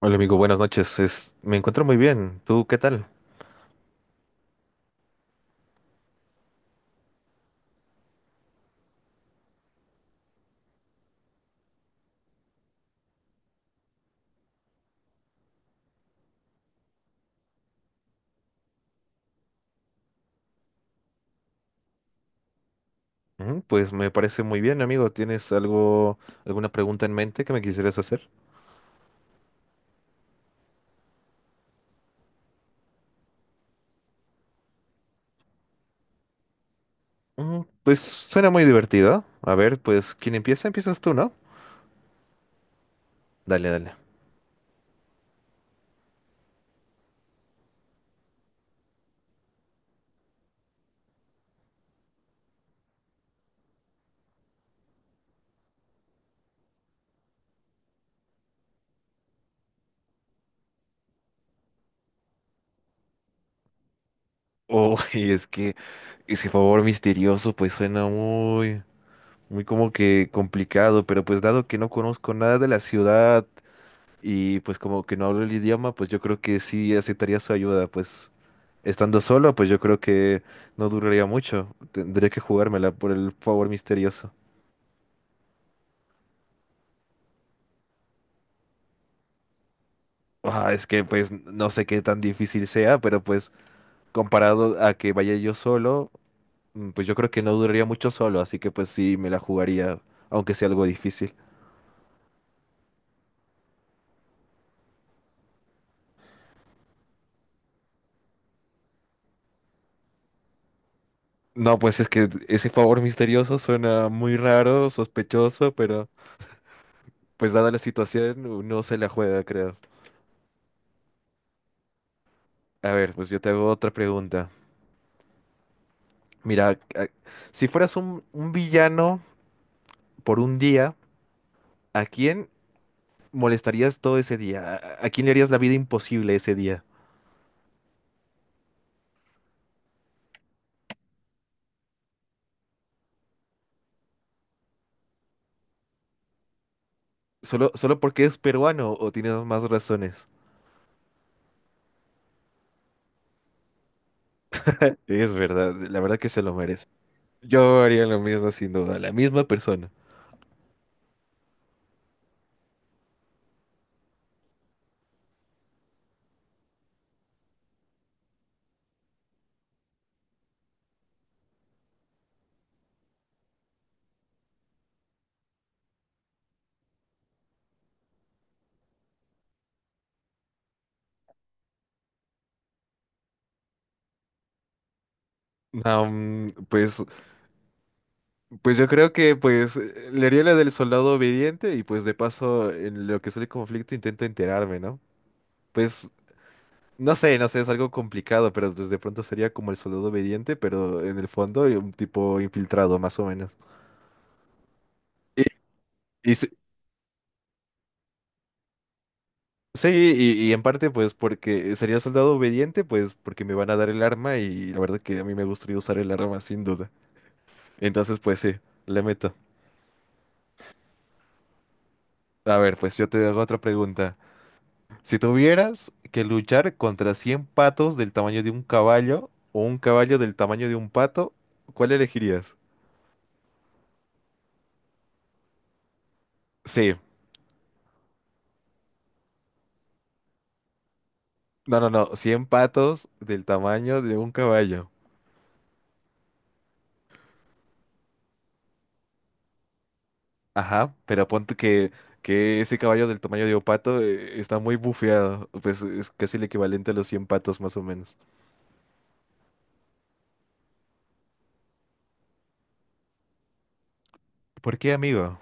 Hola amigo, buenas noches. Me encuentro muy bien. ¿Tú qué tal? Pues me parece muy bien, amigo. ¿Tienes algo, alguna pregunta en mente que me quisieras hacer? Pues suena muy divertido. A ver, pues quien empieza, empiezas tú, ¿no? Dale, dale. Oh, y es que ese favor misterioso pues suena muy, muy como que complicado, pero pues dado que no conozco nada de la ciudad y pues como que no hablo el idioma, pues yo creo que sí aceptaría su ayuda, pues estando solo, pues yo creo que no duraría mucho, tendré que jugármela por el favor misterioso. Ah, es que pues no sé qué tan difícil sea, pero pues comparado a que vaya yo solo, pues yo creo que no duraría mucho solo, así que pues sí me la jugaría, aunque sea algo difícil. No, pues es que ese favor misterioso suena muy raro, sospechoso, pero pues dada la situación uno se la juega, creo. A ver, pues yo te hago otra pregunta. Mira, a- si fueras un villano por un día, ¿a quién molestarías todo ese día? A quién le harías la vida imposible ese día? ¿Solo, solo porque es peruano o tienes más razones? Es verdad, la verdad que se lo merece. Yo haría lo mismo sin duda, la misma persona. Ah, pues, pues yo creo que pues le haría la del soldado obediente y pues de paso en lo que es el conflicto intento enterarme, ¿no? Pues no sé, no sé, es algo complicado, pero pues de pronto sería como el soldado obediente, pero en el fondo un tipo infiltrado, más o menos. Y, y s- sí, y en parte pues porque sería soldado obediente, pues porque me van a dar el arma y la verdad que a mí me gustaría usar el arma sin duda. Entonces pues sí, le meto. A ver, pues yo te hago otra pregunta. Si tuvieras que luchar contra 100 patos del tamaño de un caballo o un caballo del tamaño de un pato, ¿cuál elegirías? Sí. No, no, no, 100 patos del tamaño de un caballo. Ajá, pero ponte que ese caballo del tamaño de un pato está muy bufeado. Pues es casi el equivalente a los 100 patos más o menos. ¿Por qué, amigo?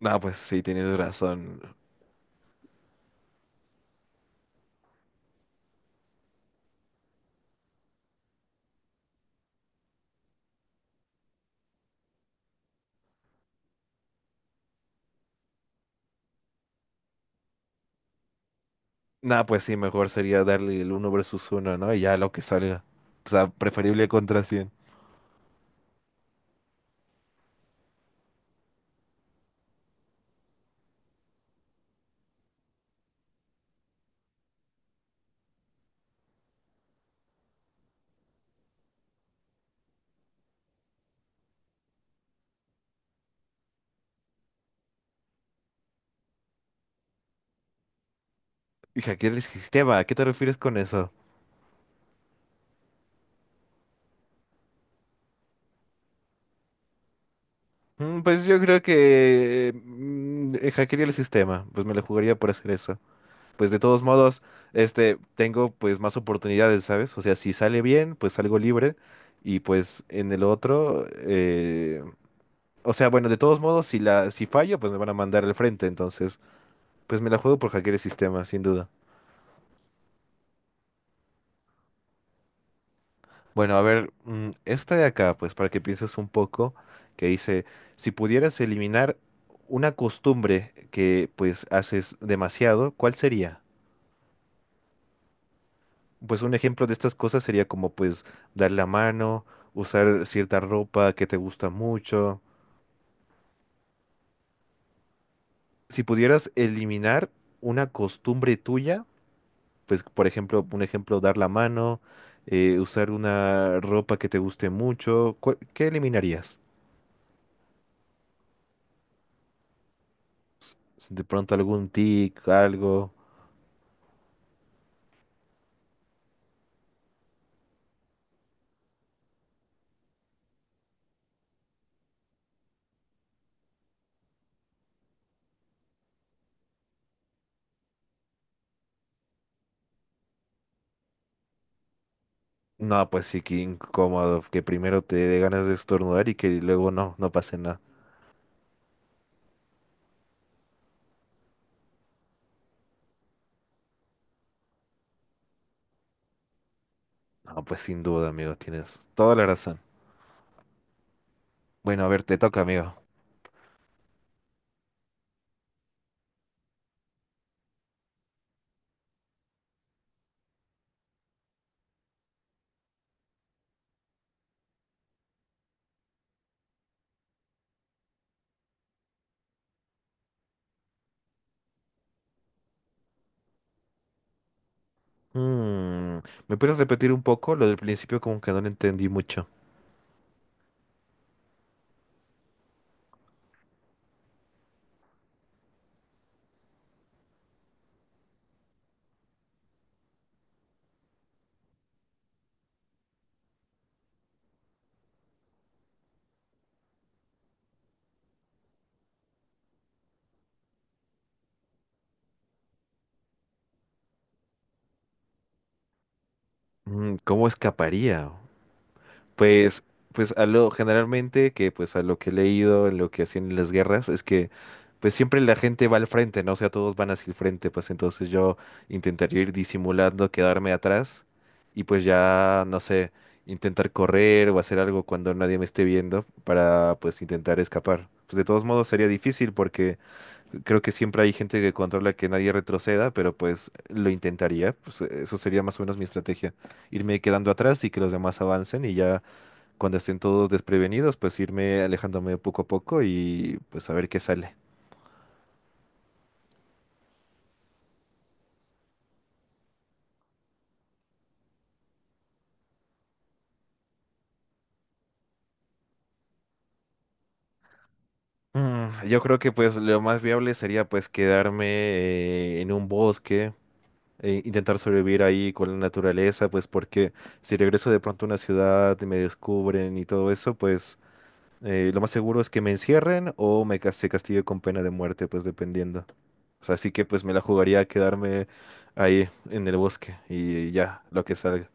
No, pues sí, tienes razón. No, pues sí, mejor sería darle el 1 versus uno, ¿no? Y ya lo que salga. O sea, preferible contra 100. Y hackear el sistema, ¿a qué te refieres con eso? Pues yo creo que hackearía el sistema. Pues me lo jugaría por hacer eso. Pues de todos modos, este, tengo pues más oportunidades, ¿sabes? O sea, si sale bien, pues salgo libre y pues en el otro, o sea, bueno, de todos modos, si la, si fallo, pues me van a mandar al frente, entonces, pues me la juego por hackear el sistema, sin duda. Bueno, a ver, esta de acá, pues para que pienses un poco, que dice, si pudieras eliminar una costumbre que pues haces demasiado, ¿cuál sería? Pues un ejemplo de estas cosas sería como pues dar la mano, usar cierta ropa que te gusta mucho. Si pudieras eliminar una costumbre tuya, pues por ejemplo, un ejemplo, dar la mano, usar una ropa que te guste mucho, ¿qué eliminarías? De pronto algún tic, algo. No, pues sí, qué incómodo, que primero te dé ganas de estornudar y que luego no, no pase nada. No, pues sin duda, amigo, tienes toda la razón. Bueno, a ver, te toca, amigo. Mm. ¿Me puedes repetir un poco? Lo del principio como que no lo entendí mucho. Mm. ¿Cómo escaparía? Pues, pues a lo generalmente que pues a lo que he leído, en lo que hacían en las guerras, es que pues siempre la gente va al frente, ¿no? O sea, todos van hacia el frente, pues entonces yo intentaría ir disimulando, quedarme atrás y pues ya, no sé, intentar correr o hacer algo cuando nadie me esté viendo para pues intentar escapar. Pues de todos modos sería difícil porque creo que siempre hay gente que controla que nadie retroceda, pero pues lo intentaría. Pues eso sería más o menos mi estrategia. Irme quedando atrás y que los demás avancen y ya cuando estén todos desprevenidos, pues irme alejándome poco a poco y pues a ver qué sale. Yo creo que pues lo más viable sería pues quedarme en un bosque, e intentar sobrevivir ahí con la naturaleza, pues porque si regreso de pronto a una ciudad y me descubren y todo eso, pues… lo más seguro es que me encierren o se castigue con pena de muerte, pues dependiendo. O sea, así que pues me la jugaría a quedarme ahí en el bosque y ya, lo que salga.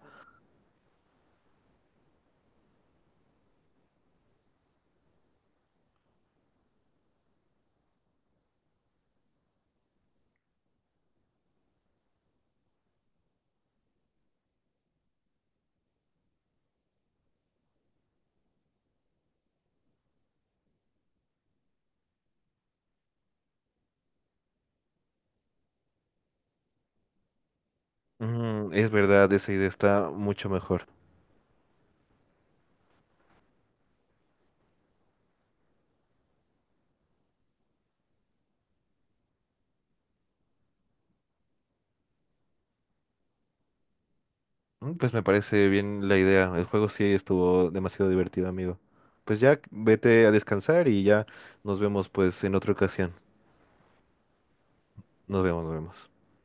Es verdad, esa idea está mucho mejor. Pues me parece bien la idea. El juego sí estuvo demasiado divertido, amigo. Pues ya vete a descansar y ya nos vemos pues en otra ocasión. Nos vemos, nos vemos.